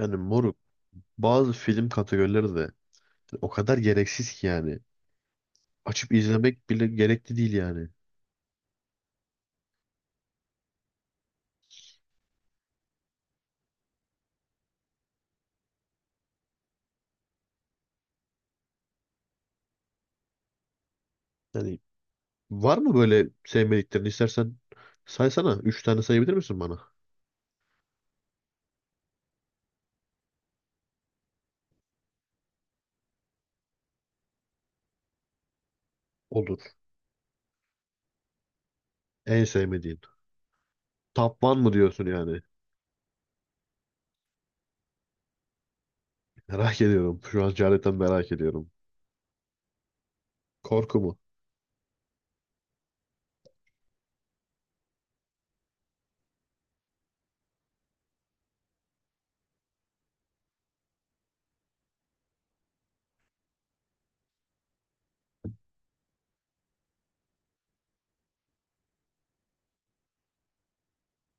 Yani moruk bazı film kategorileri de o kadar gereksiz ki yani. Açıp izlemek bile gerekli değil yani. Yani var mı böyle sevmediklerini istersen saysana. Üç tane sayabilir misin bana? Olur. En sevmediğin. Top One mı diyorsun yani? Merak ediyorum. Şu an cehaletten merak ediyorum. Korku mu?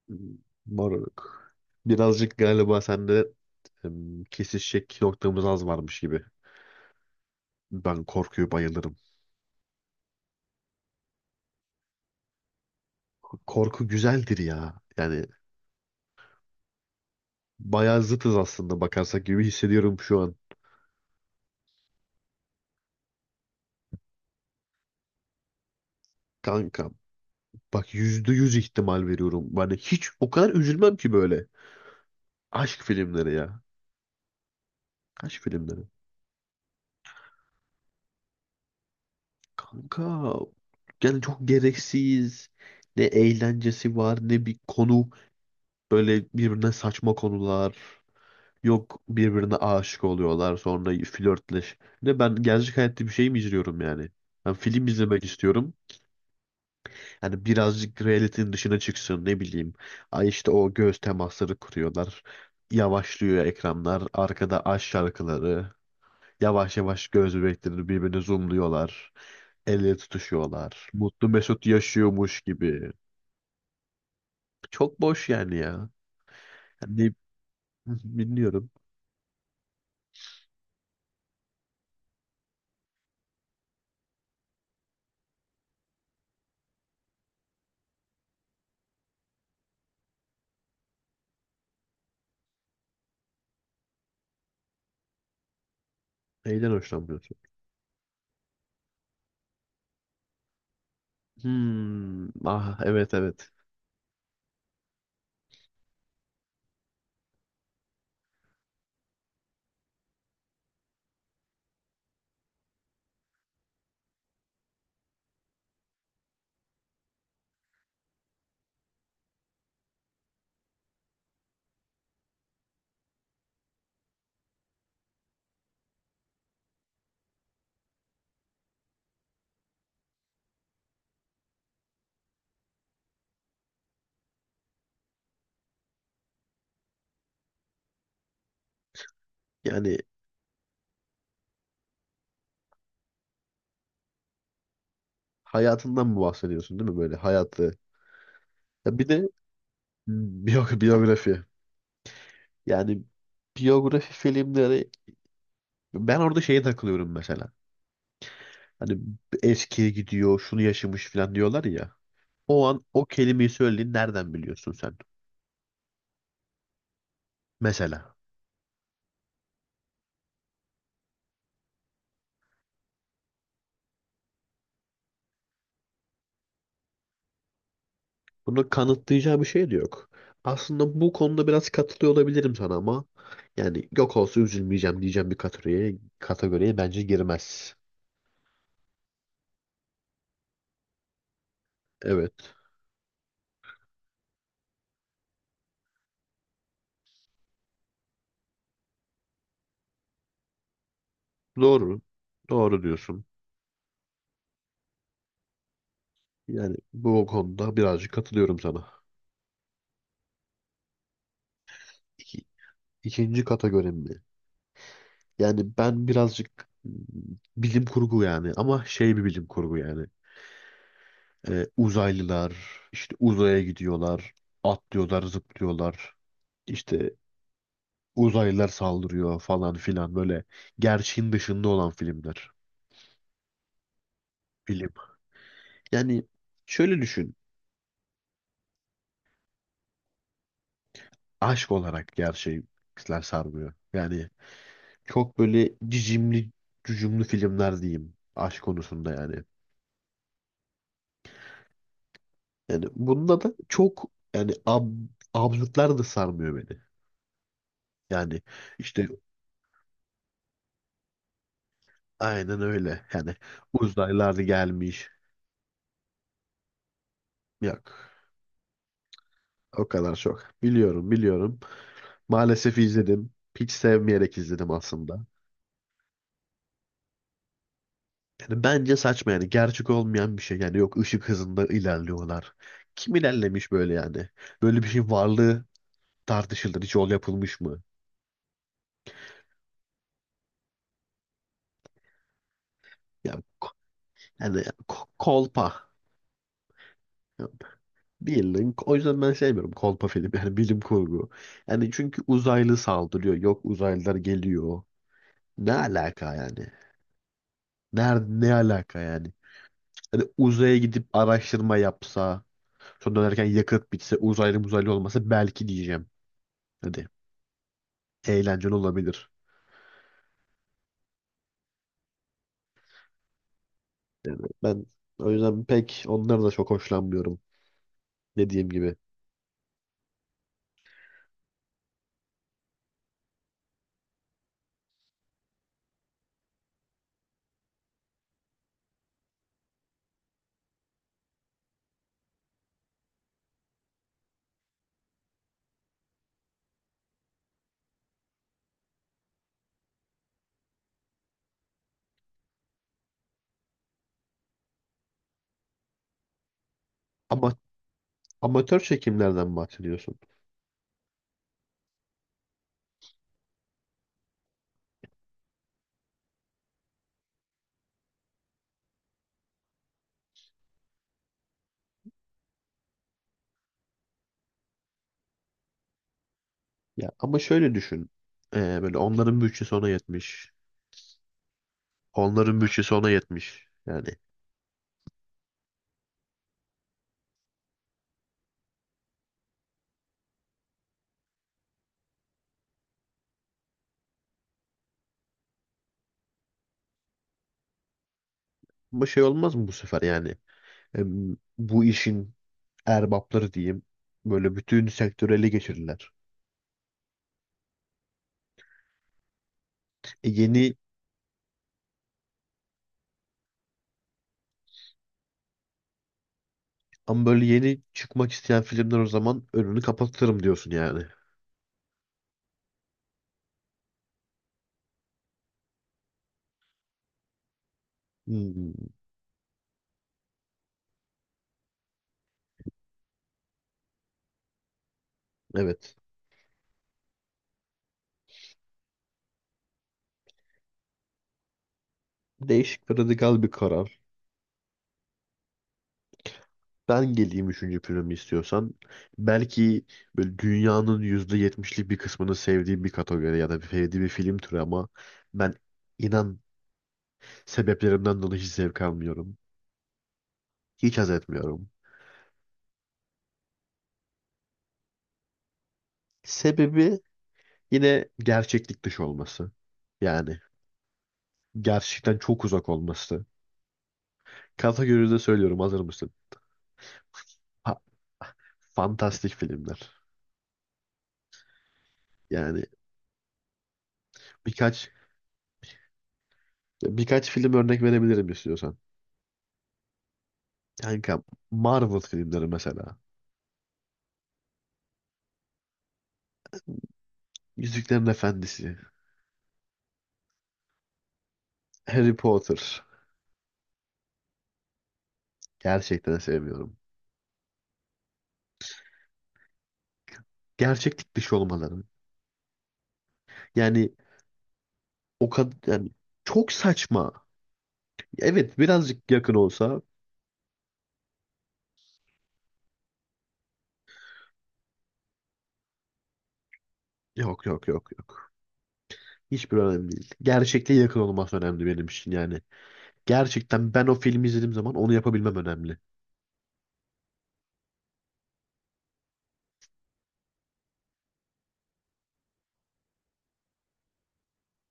Hmm, moruk. Birazcık galiba sende kesişecek noktamız az varmış gibi. Ben korkuyu bayılırım. Korku güzeldir ya. Yani bayağı zıtız aslında bakarsak gibi hissediyorum şu an. Kankam. Bak %100 ihtimal veriyorum. Yani hiç o kadar üzülmem ki böyle. Aşk filmleri ya. Aşk filmleri. Kanka. Yani çok gereksiz. Ne eğlencesi var ne bir konu. Böyle birbirine saçma konular. Yok birbirine aşık oluyorlar sonra flörtleş. Ne ben gerçek hayatta bir şey mi izliyorum yani? Ben film izlemek istiyorum. Yani birazcık realitenin dışına çıksın ne bileyim. Ay işte o göz temasları kuruyorlar. Yavaşlıyor ekranlar. Arkada aşk şarkıları. Yavaş yavaş göz bebeklerini birbirine zoomluyorlar. El ele tutuşuyorlar. Mutlu Mesut yaşıyormuş gibi. Çok boş yani ya. Hani bilmiyorum. Neyden hoşlanmıyorsun? Hmm, ah evet evet. Yani hayatından mı bahsediyorsun değil mi böyle hayatı? Ya bir de biyo biyografi. Yani biyografi filmleri ben orada şeye takılıyorum mesela. Hani eskiye gidiyor, şunu yaşamış falan diyorlar ya. O an o kelimeyi söylediğini nereden biliyorsun sen? Mesela. Bunu kanıtlayacağı bir şey de yok. Aslında bu konuda biraz katılıyor olabilirim sana ama yani yok olsa üzülmeyeceğim diyeceğim bir kategoriye bence girmez. Evet. Doğru. Doğru diyorsun. Yani bu konuda birazcık katılıyorum sana. İki, ikinci kategorim mi? Yani ben birazcık bilim kurgu yani ama şey bir bilim kurgu yani. Uzaylılar işte uzaya gidiyorlar, atlıyorlar, zıplıyorlar. İşte uzaylılar saldırıyor falan filan böyle gerçeğin dışında olan filmler. Bilim. Yani şöyle düşün. Aşk olarak gerçekler sarmıyor. Yani çok böyle cicimli, cücümlü filmler diyeyim aşk konusunda yani. Yani bunda da çok yani absürtler de sarmıyor beni. Yani işte aynen öyle. Yani uzaylılar gelmiş. Yok. O kadar çok. Biliyorum, biliyorum. Maalesef izledim. Hiç sevmeyerek izledim aslında. Yani bence saçma yani. Gerçek olmayan bir şey. Yani yok ışık hızında ilerliyorlar. Kim ilerlemiş böyle yani? Böyle bir şeyin varlığı tartışılır. Hiç yol yapılmış mı? yani ko- yani Kolpa. Ya, bilin. O yüzden ben sevmiyorum kolpa film. Yani bilim kurgu. Yani çünkü uzaylı saldırıyor. Yok uzaylılar geliyor. Ne alaka yani? Nerede ne alaka yani? Hani uzaya gidip araştırma yapsa, sonra dönerken yakıt bitse, uzaylı muzaylı olmasa belki diyeceğim. Hadi eğlenceli olabilir. Yani ben o yüzden pek onları da çok hoşlanmıyorum dediğim gibi. Ama amatör çekimlerden bahsediyorsun. Ya ama şöyle düşün. Böyle onların bütçesi ona yetmiş. Onların bütçesi ona yetmiş. Yani ama şey olmaz mı bu sefer yani? Bu işin erbapları diyeyim. Böyle bütün sektörü ele geçirirler. E yeni Ama böyle yeni çıkmak isteyen filmler o zaman önünü kapatırım diyorsun yani. Hmm, evet. Değişik ve radikal bir karar. Ben geleyim üçüncü filmi istiyorsan. Belki böyle dünyanın %70'lik bir kısmını sevdiği bir kategori ya da sevdiği bir film türü ama ben inan sebeplerimden dolayı hiç zevk almıyorum. Hiç haz etmiyorum. Sebebi yine gerçeklik dışı olması. Yani gerçekten çok uzak olması. Kategoride söylüyorum hazır mısın? Ha, fantastik filmler. Yani birkaç birkaç film örnek verebilirim istiyorsan. Kanka Marvel filmleri mesela. Yüzüklerin Efendisi, Harry Potter. Gerçekten sevmiyorum. Gerçeklik dışı olmaları. Yani o kadar yani çok saçma. Evet birazcık yakın olsa yok yok yok yok. Hiçbir önemli değil. Gerçekliğe yakın olması önemli benim için yani. Gerçekten ben o filmi izlediğim zaman onu yapabilmem önemli.